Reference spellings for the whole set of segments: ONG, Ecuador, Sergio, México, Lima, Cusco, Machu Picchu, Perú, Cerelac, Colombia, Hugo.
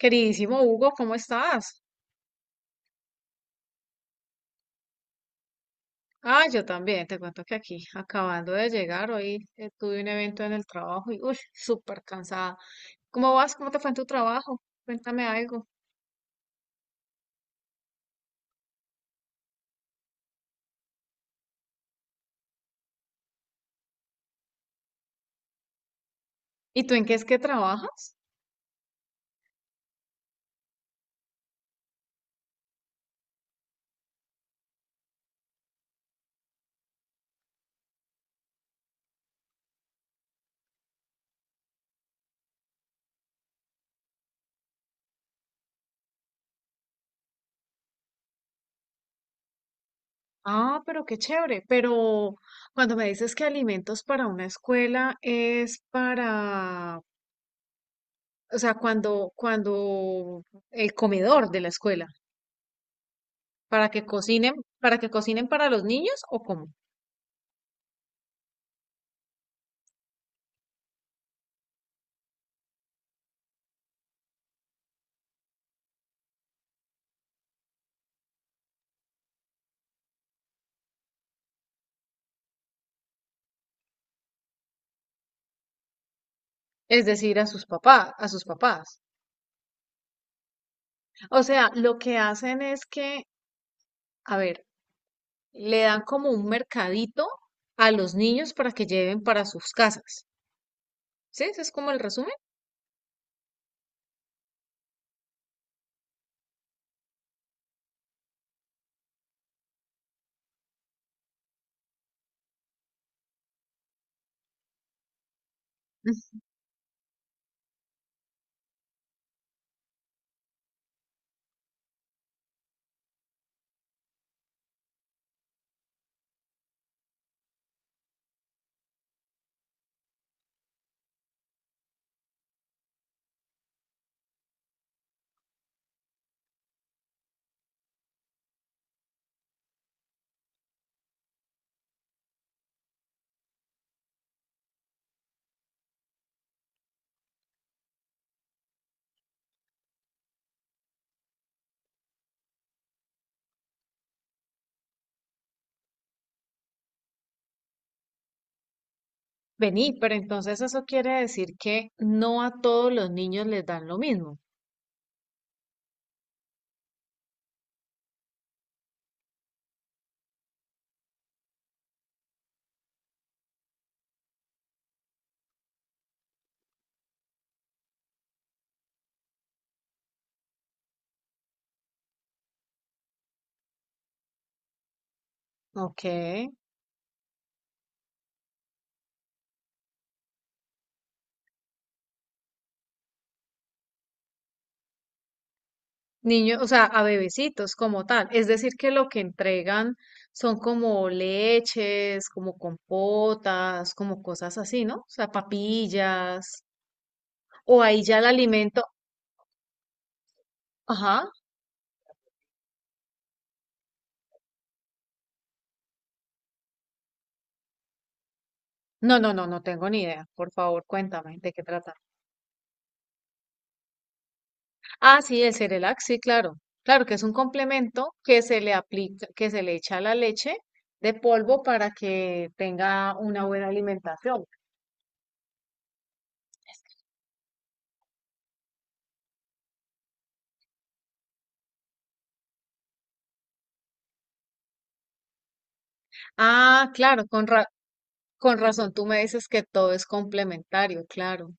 Queridísimo Hugo, ¿cómo estás? Ah, yo también, te cuento que aquí, acabando de llegar, hoy tuve un evento en el trabajo y, uy, súper cansada. ¿Cómo vas? ¿Cómo te fue en tu trabajo? Cuéntame algo. ¿Y tú en qué es que trabajas? Ah, pero qué chévere. Pero cuando me dices que alimentos para una escuela es para, o sea, cuando el comedor de la escuela, para que cocinen, ¿para que cocinen para los niños o cómo? Es decir, a sus papás, a sus papás. O sea, lo que hacen es que, a ver, le dan como un mercadito a los niños para que lleven para sus casas. ¿Sí? Ese es como el resumen. Ujú. Vení, pero entonces eso quiere decir que no a todos los niños les dan lo mismo. Ok. Niños, o sea, a bebecitos como tal. Es decir, que lo que entregan son como leches, como compotas, como cosas así, ¿no? O sea, papillas. O ahí ya el alimento. Ajá. No, no, no, no tengo ni idea. Por favor, cuéntame de qué trata. Ah, sí, el Cerelac, sí, claro. Claro que es un complemento que se le aplica, que se le echa a la leche de polvo para que tenga una buena alimentación. Ah, claro, con razón tú me dices que todo es complementario, claro.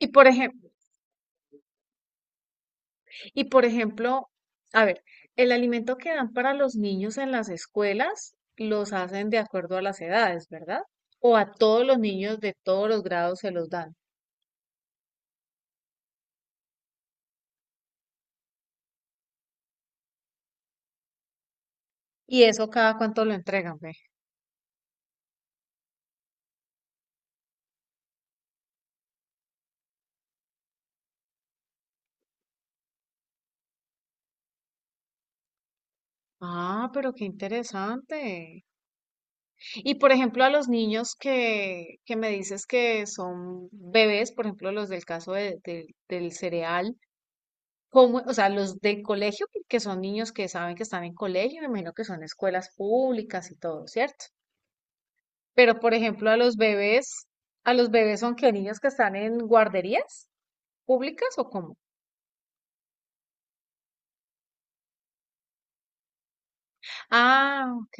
Y por ejemplo, y por ejemplo, a ver, el alimento que dan para los niños en las escuelas los hacen de acuerdo a las edades, ¿verdad? O a todos los niños de todos los grados se los dan. Y eso cada cuánto lo entregan, ve. Ah, pero qué interesante. Y por ejemplo, a los niños que me dices que son bebés, por ejemplo, los del caso de- del del cereal, ¿cómo, o sea, los del colegio, porque son niños que saben que están en colegio, me imagino que son escuelas públicas y todo, ¿cierto? Pero por ejemplo, ¿a los bebés son que niños que están en guarderías públicas o cómo? Ah, ok,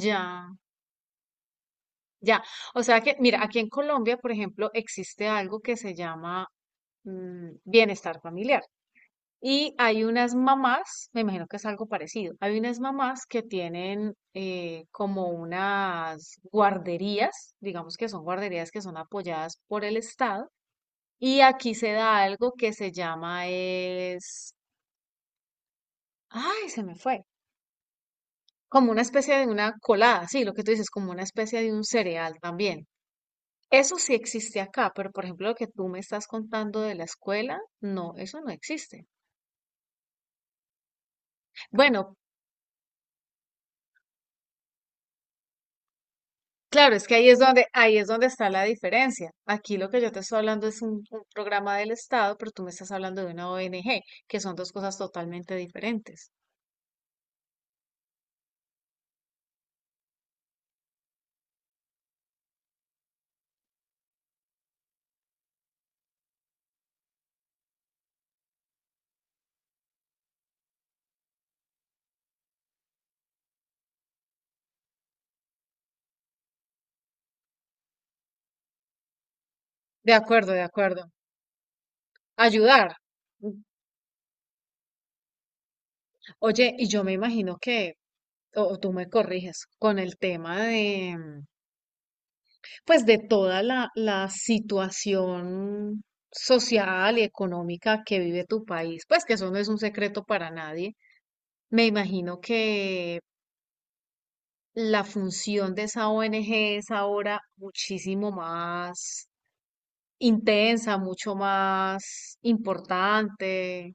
ya. Ya, o sea que, mira, aquí en Colombia, por ejemplo, existe algo que se llama bienestar familiar. Y hay unas mamás, me imagino que es algo parecido, hay unas mamás que tienen como unas guarderías, digamos que son guarderías que son apoyadas por el Estado. Y aquí se da algo que se llama es, ay, se me fue, como una especie de una colada, sí, lo que tú dices, como una especie de un cereal también. Eso sí existe acá, pero por ejemplo lo que tú me estás contando de la escuela, no, eso no existe. Bueno, claro, es que ahí es donde está la diferencia. Aquí lo que yo te estoy hablando es un programa del Estado, pero tú me estás hablando de una ONG, que son dos cosas totalmente diferentes. De acuerdo, de acuerdo. Ayudar. Mm. Oye, y yo me imagino que, o tú me corriges, con el tema de, pues de toda la situación social y económica que vive tu país, pues que eso no es un secreto para nadie. Me imagino que la función de esa ONG es ahora muchísimo más intensa, mucho más importante,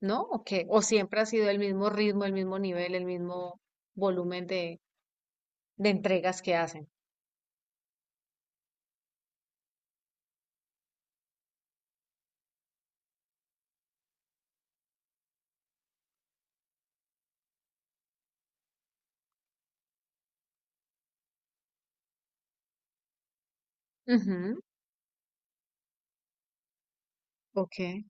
¿no? ¿O qué? ¿O siempre ha sido el mismo ritmo, el mismo nivel, el mismo volumen de entregas que hacen? Ujú, ok,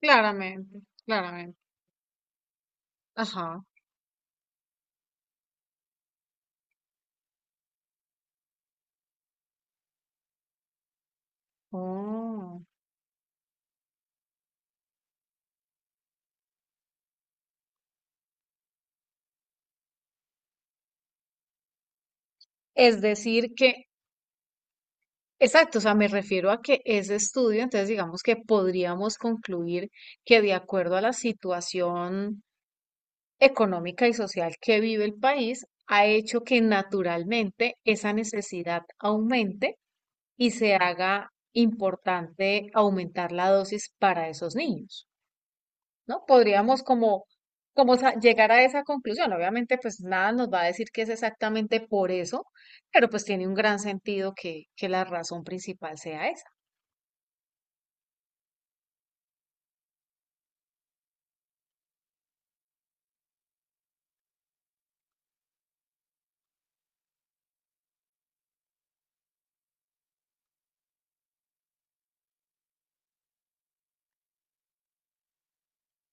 claramente, claramente. Ajá. Oh, es decir, que, exacto, o sea, me refiero a que ese estudio, entonces digamos que podríamos concluir que de acuerdo a la situación económica y social que vive el país, ha hecho que naturalmente esa necesidad aumente y se haga importante aumentar la dosis para esos niños. ¿No? Podríamos como, llegar a esa conclusión. Obviamente, pues nada nos va a decir que es exactamente por eso, pero pues tiene un gran sentido que la razón principal sea esa.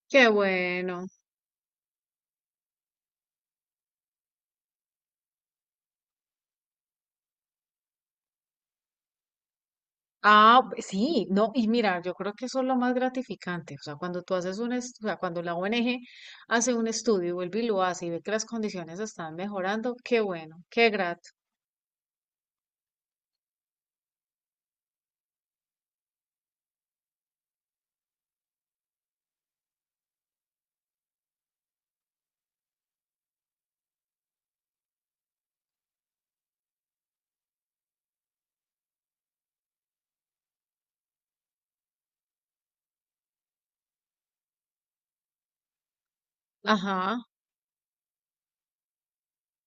Qué bueno. Ah, sí, no, y mira, yo creo que eso es lo más gratificante. O sea, cuando tú haces un, est- o sea, cuando la ONG hace un estudio, y vuelve y lo hace y ve que las condiciones están mejorando, qué bueno, qué grato. Ajá.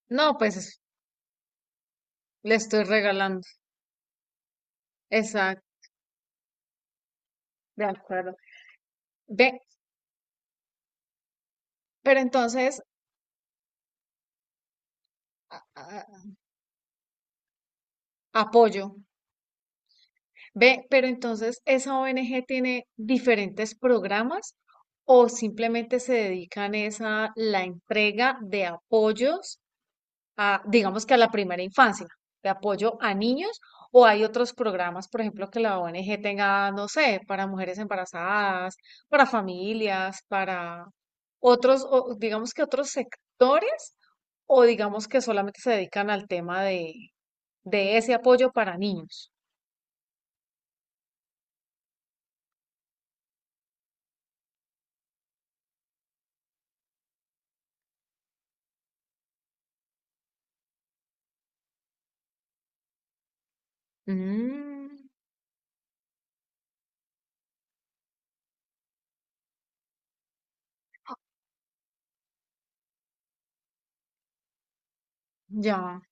No, le estoy regalando. Exacto, de acuerdo. Ve, pero entonces, a- apoyo. Ve, pero entonces esa ONG tiene diferentes programas o simplemente se dedican es a la entrega de apoyos a, digamos que a la primera infancia, de apoyo a niños, o hay otros programas, por ejemplo, que la ONG tenga, no sé, para mujeres embarazadas, para familias, para otros, o digamos que otros sectores, o digamos que solamente se dedican al tema de ese apoyo para niños. Mm, ya.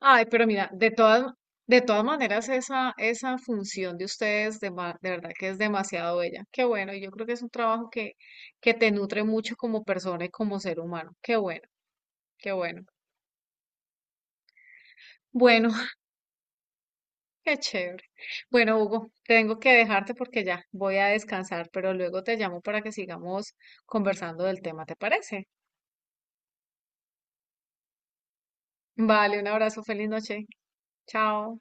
Ay, pero mira, de todas maneras, esa función de ustedes, de verdad que es demasiado bella. Qué bueno, y yo creo que es un trabajo que te nutre mucho como persona y como ser humano. Qué bueno, qué bueno. Bueno, qué chévere. Bueno, Hugo, tengo que dejarte porque ya voy a descansar, pero luego te llamo para que sigamos conversando del tema, ¿te parece? Vale, un abrazo, feliz noche. Chao.